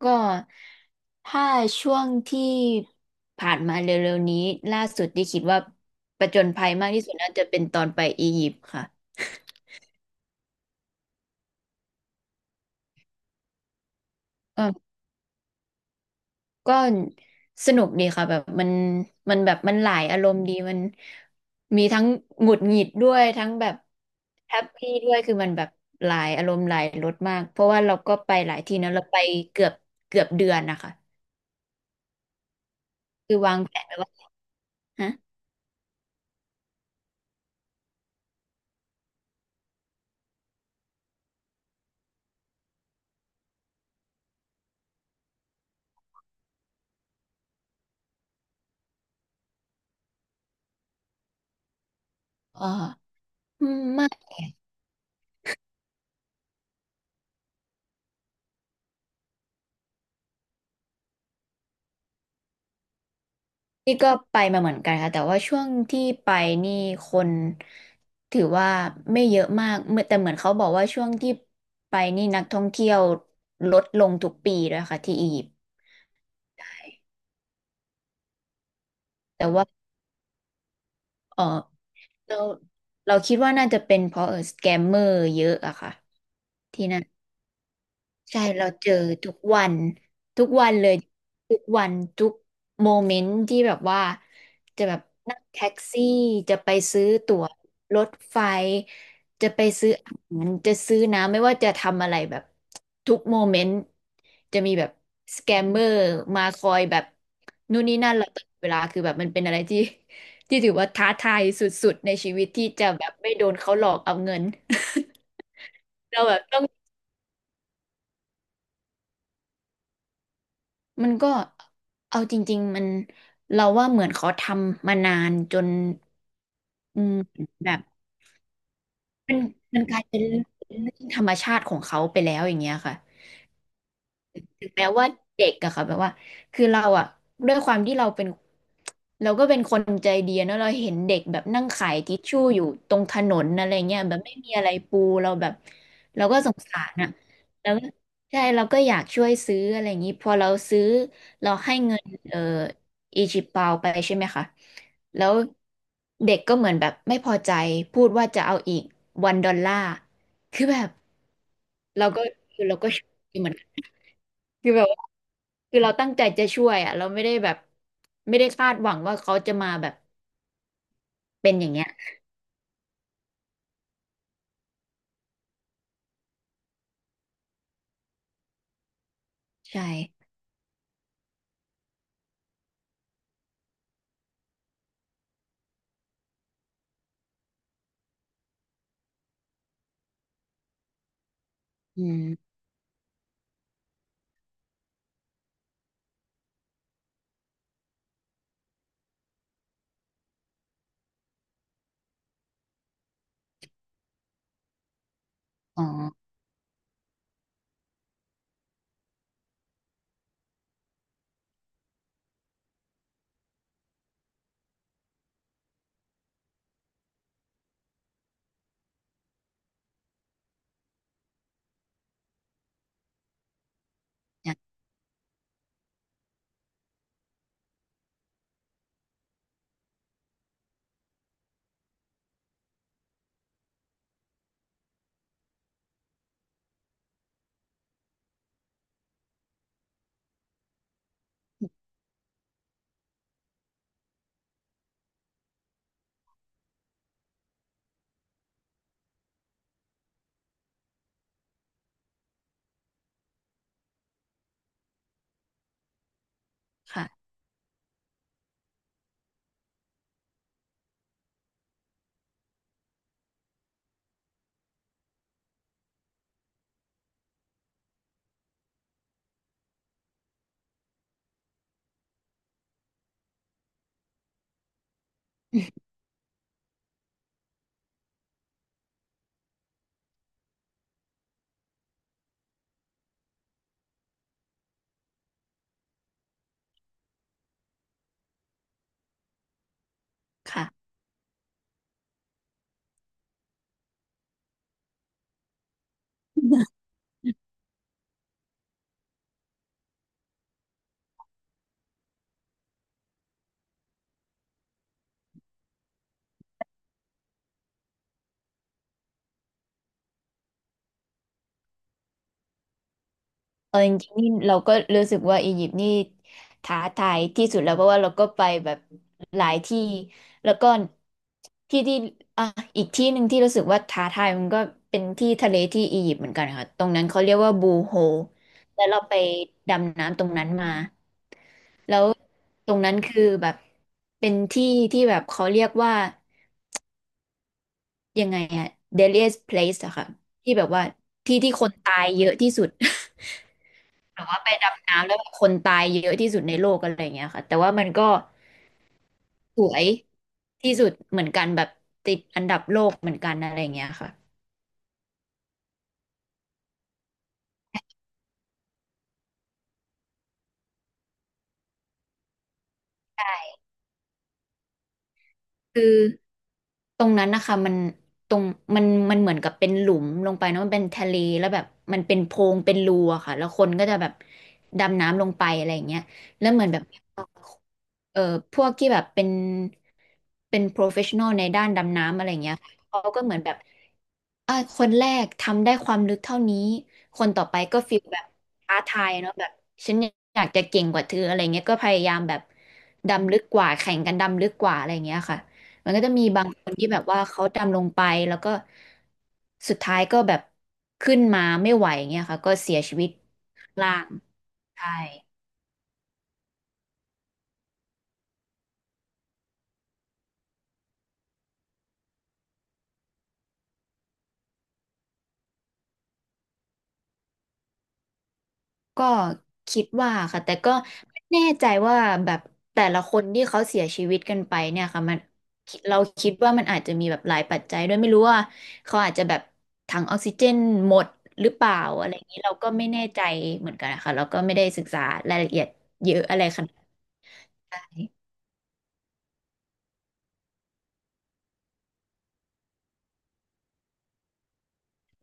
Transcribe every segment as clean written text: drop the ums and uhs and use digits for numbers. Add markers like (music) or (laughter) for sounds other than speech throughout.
ก็ถ้าช่วงที่ผ่านมาเร็วๆนี้ล่าสุดที่คิดว่าประจนภัยมากที่สุดน่าจะเป็นตอนไปอียิปต์ค่ะก็ก็สนุกดีค่ะแบบมันหลายอารมณ์ดีมันมีทั้งหงุดหงิดด้วยทั้งแบบแฮปปี้ด้วยคือมันแบบหลายอารมณ์หลายรสมากเพราะว่าเราก็ไปหลายที่นะเราไปเกือบเกือบเดือนนะคะคือวางแผนไว้ว่าฮะอ๋อ นี่ก็ไปมาเหมือนกันค่ะแต่ว่าช่วงที่ไปนี่คนถือว่าไม่เยอะมากเหมื่อนแต่เหมือนเขาบอกว่าช่วงที่ไปนี่นักท่องเที่ยวลดลงทุกปีด้วยค่ะที่อียิปต์แต่ว่าเออเราเราคิดว่าน่าจะเป็นเพราะสแกมเมอร์เยอะอะค่ะที่นั่น ใช่เราเจอทุกวันทุกวันเลยทุกวันทุกโมเมนต์ที่แบบว่าจะแบบนั่งแท็กซี่จะไปซื้อตั๋วรถไฟจะไปซื้ออาหารจะซื้อน้ำไม่ว่าจะทำอะไรแบบทุกโมเมนต์จะมีแบบสแกมเมอร์มาคอยแบบนู่นนี่นั่นเราตลอดเวลาคือแบบมันเป็นอะไรที่ (laughs) ที่ถือว่าท้าทายสุดๆในชีวิตที่จะแบบไม่โดนเขาหลอกเอาเงิน (laughs) เราแบบต้อง มันก็เอาจริงๆมันเราว่าเหมือนเขาทำมานานจนอืมแบบมันมันกลายเป็นเรื่องธรรมชาติของเขาไปแล้วอย่างเงี้ยค่ะ ถึงแม้ว่าเด็กอะค่ะแบบว่าคือเราอะด้วยความที่เราเป็นเราก็เป็นคนใจดีเนอะเราเห็นเด็กแบบนั่งขายทิชชู่อยู่ตรงถนนอะไรเงี้ยแบบไม่มีอะไรปูเราแบบเราก็สงสารอะแล้วก็ใช่เราก็อยากช่วยซื้ออะไรอย่างงี้พอเราซื้อเราให้เงินอีจิปเปาไปใช่ไหมคะแล้วเด็กก็เหมือนแบบไม่พอใจพูดว่าจะเอาอีกวันดอลลาร์คือแบบเราก็คือเราก็ช็อกอยู่เหมือนกันคือแบบ คือเราตั้งใจจะช่วยอ่ะเราไม่ได้แบบไม่ได้คาดหวังว่าเขาจะมาแบบเป็นอย่างเงี้ยใช่อืมอ๋อเนี่ยค่ะค่ะ (laughs) เออจริงๆนี่เราก็รู้สึกว่าอียิปต์นี่ท้าทายที่สุดแล้วเพราะว่าเราก็ไปแบบหลายที่แล้วก็ที่ที่อ่ะอีกที่หนึ่งที่รู้สึกว่าท้าทายมันก็เป็นที่ทะเลที่อียิปต์เหมือนกันค่ะตรงนั้นเขาเรียกว่าบูโฮแล้วเราไปดำน้ำตรงนั้นมา แล้วตรงนั้นคือแบบเป็นที่ที่แบบเขาเรียกว่ายังไงอะ deadliest place อะค่ะที่แบบว่าที่ที่คนตายเยอะที่สุด (laughs) แบบว่าไปดำน้ำแล้วแบบคนตายเยอะที่สุดในโลกอะไรอย่างเงี้ยค่ะแต่ว่ามันก็สวยที่สุดเหมือนกันแบบติดอันดับโลกเหมือนกันอะไรอย่างเงี้ยค่ะคือ ตรงนั้นนะคะมันตรงมันมันเหมือนกับเป็นหลุมลงไปเนอะมันเป็นทะเลแล้วแบบมันเป็นโพรงเป็นรูอะค่ะแล้วคนก็จะแบบดำน้ำลงไปอะไรอย่างเงี้ยแล้วเหมือนแบบเอ่อพวกที่แบบเป็น professional ในด้านดำน้ำอะไรอย่างเงี้ยเขาก็เหมือนแบบ คนแรกทำได้ความลึกเท่านี้ คนต่อไปก็ฟีลแบบท้าทายเนาะแบบฉันอยากจะเก่งกว่าเธออะไรเงี้ยก็พยายามแบบดำลึกกว่าแข่งกันดำลึกกว่าอะไรเงี้ยค่ะมันก็จะมีบางคนที่แบบว่าเขาดำลงไปแล้วก็สุดท้ายก็แบบขึ้นมาไม่ไหวเงี้ยค่ะก็เสียชีวิตข้างล่างใช่ ก็คิดว่าค่ะแต่ก็ไม่แน่ใจว่าแบบแต่ละคนที่เขาเสียชีวิตกันไปเนี่ยค่ะมันเราคิดว่ามันอาจจะมีแบบหลายปัจจัยด้วยไม่รู้ว่าเขาอาจจะแบบถังออกซิเจนหมดหรือเปล่าอะไรอย่างนี้เราก็ไม่แน่ใจเหมือนกันนะคะเราก็ไม่ได้ศึกษารายละเอียดเยอะอะไรขนาดนั้น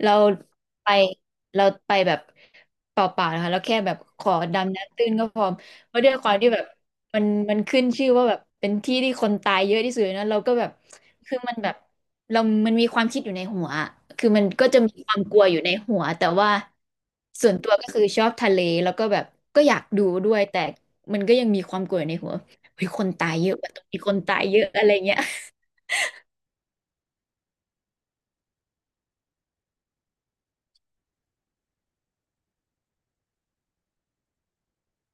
เราไปเราไปแบบเปล่าๆนะคะเราแค่แบบขอดำน้ำตื้นก็พอเพราะด้วยความที่แบบมันมันขึ้นชื่อว่าแบบเป็นที่ที่คนตายเยอะที่สุดนะเราก็แบบคือมันแบบเรามันมีความคิดอยู่ในหัวอะคือมันก็จะมีความกลัวอยู่ในหัวแต่ว่าส่วนตัวก็คือชอบทะเลแล้วก็แบบก็อยากดูด้วยแต่มันก็ยังมีความกลัวอยู่ในหัวเฮ้ยคนตายเยอะว่ะตรงนี้คนตายเยอะอะไรเงี้ย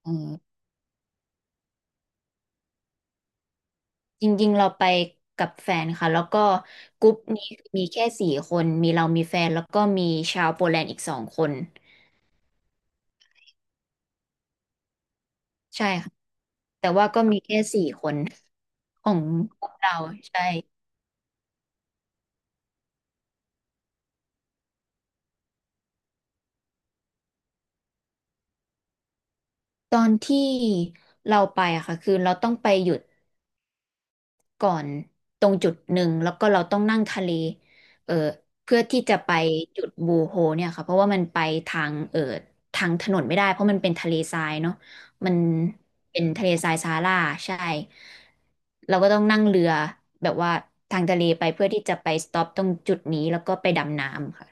อืม จริงๆ เราไปกับแฟนค่ะ แล้วก็กรุ๊ปนี้มีแค่สี่คน มีเรามีแฟนแล้วก็มีชาวโปแลนด์อีก2 คน ใช่ค่ะ แต่ว่าก็มีแค่สี่คนของเราใช่ ตอนที่เราไปอะค่ะ คือเราต้องไปหยุด ก่อนตรงจุดหนึ่งแล้วก็เราต้องนั่งทะเลเออเพื่อที่จะไปจุดบูโฮเนี่ยค่ะเพราะว่ามันไปทางทางถนนไม่ได้เพราะมันเป็นทะเลทรายเนาะมันเป็นทะเลทรายซาฮาราใช่เราก็ต้องนั่งเรือแบบว่าทางทะเลไปเพื่อที่จะไปสต็อปตรงจุดนี้แล้วก็ไปดำน้ำค่ะ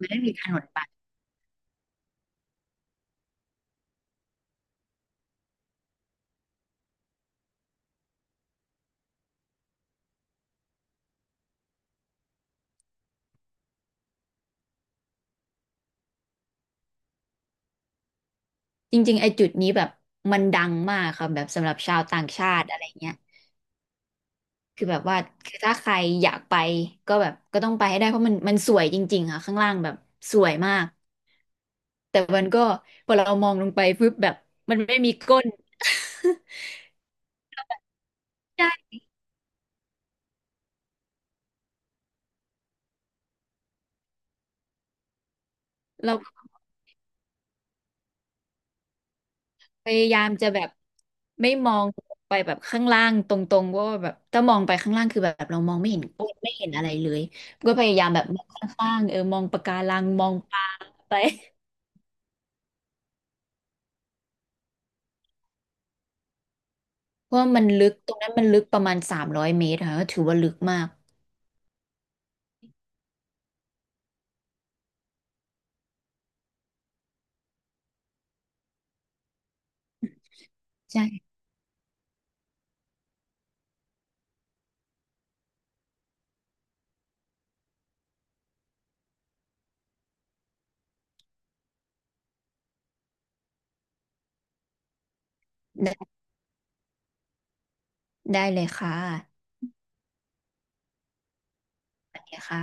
มันไม่มีถนนไปจริงๆไอ้จุดนี้แบบมันดังมากค่ะแบบสำหรับชาวต่างชาติอะไรเงี้ย คือแบบว่าคือถ้าใครอยากไปก็แบบก็ต้องไปให้ได้เพราะมันมันสวยจริงๆค่ะข้างล่างแบบสวยมากแต่มันก็พอเรามองลงไปปุ๊บแบบมันไม่มีก้น (laughs) ใช่เราก็พยายามจะแบบไม่มองไปแบบข้างล่างตรงๆเพราะว่าแบบถ้ามองไปข้างล่างคือแบบเรามองไม่เห็นก้นไม่เห็นอะไรเลยก็พยายามแบบมองข้างๆมองปะการังมองปลาไป (laughs) เพราะว่ามันลึกตรงนั้นมันลึกประมาณ300 เมตรค่ะก็ถือว่าลึกมากใช่ได้ได้เลยค่ะ สวัสดีค่ะ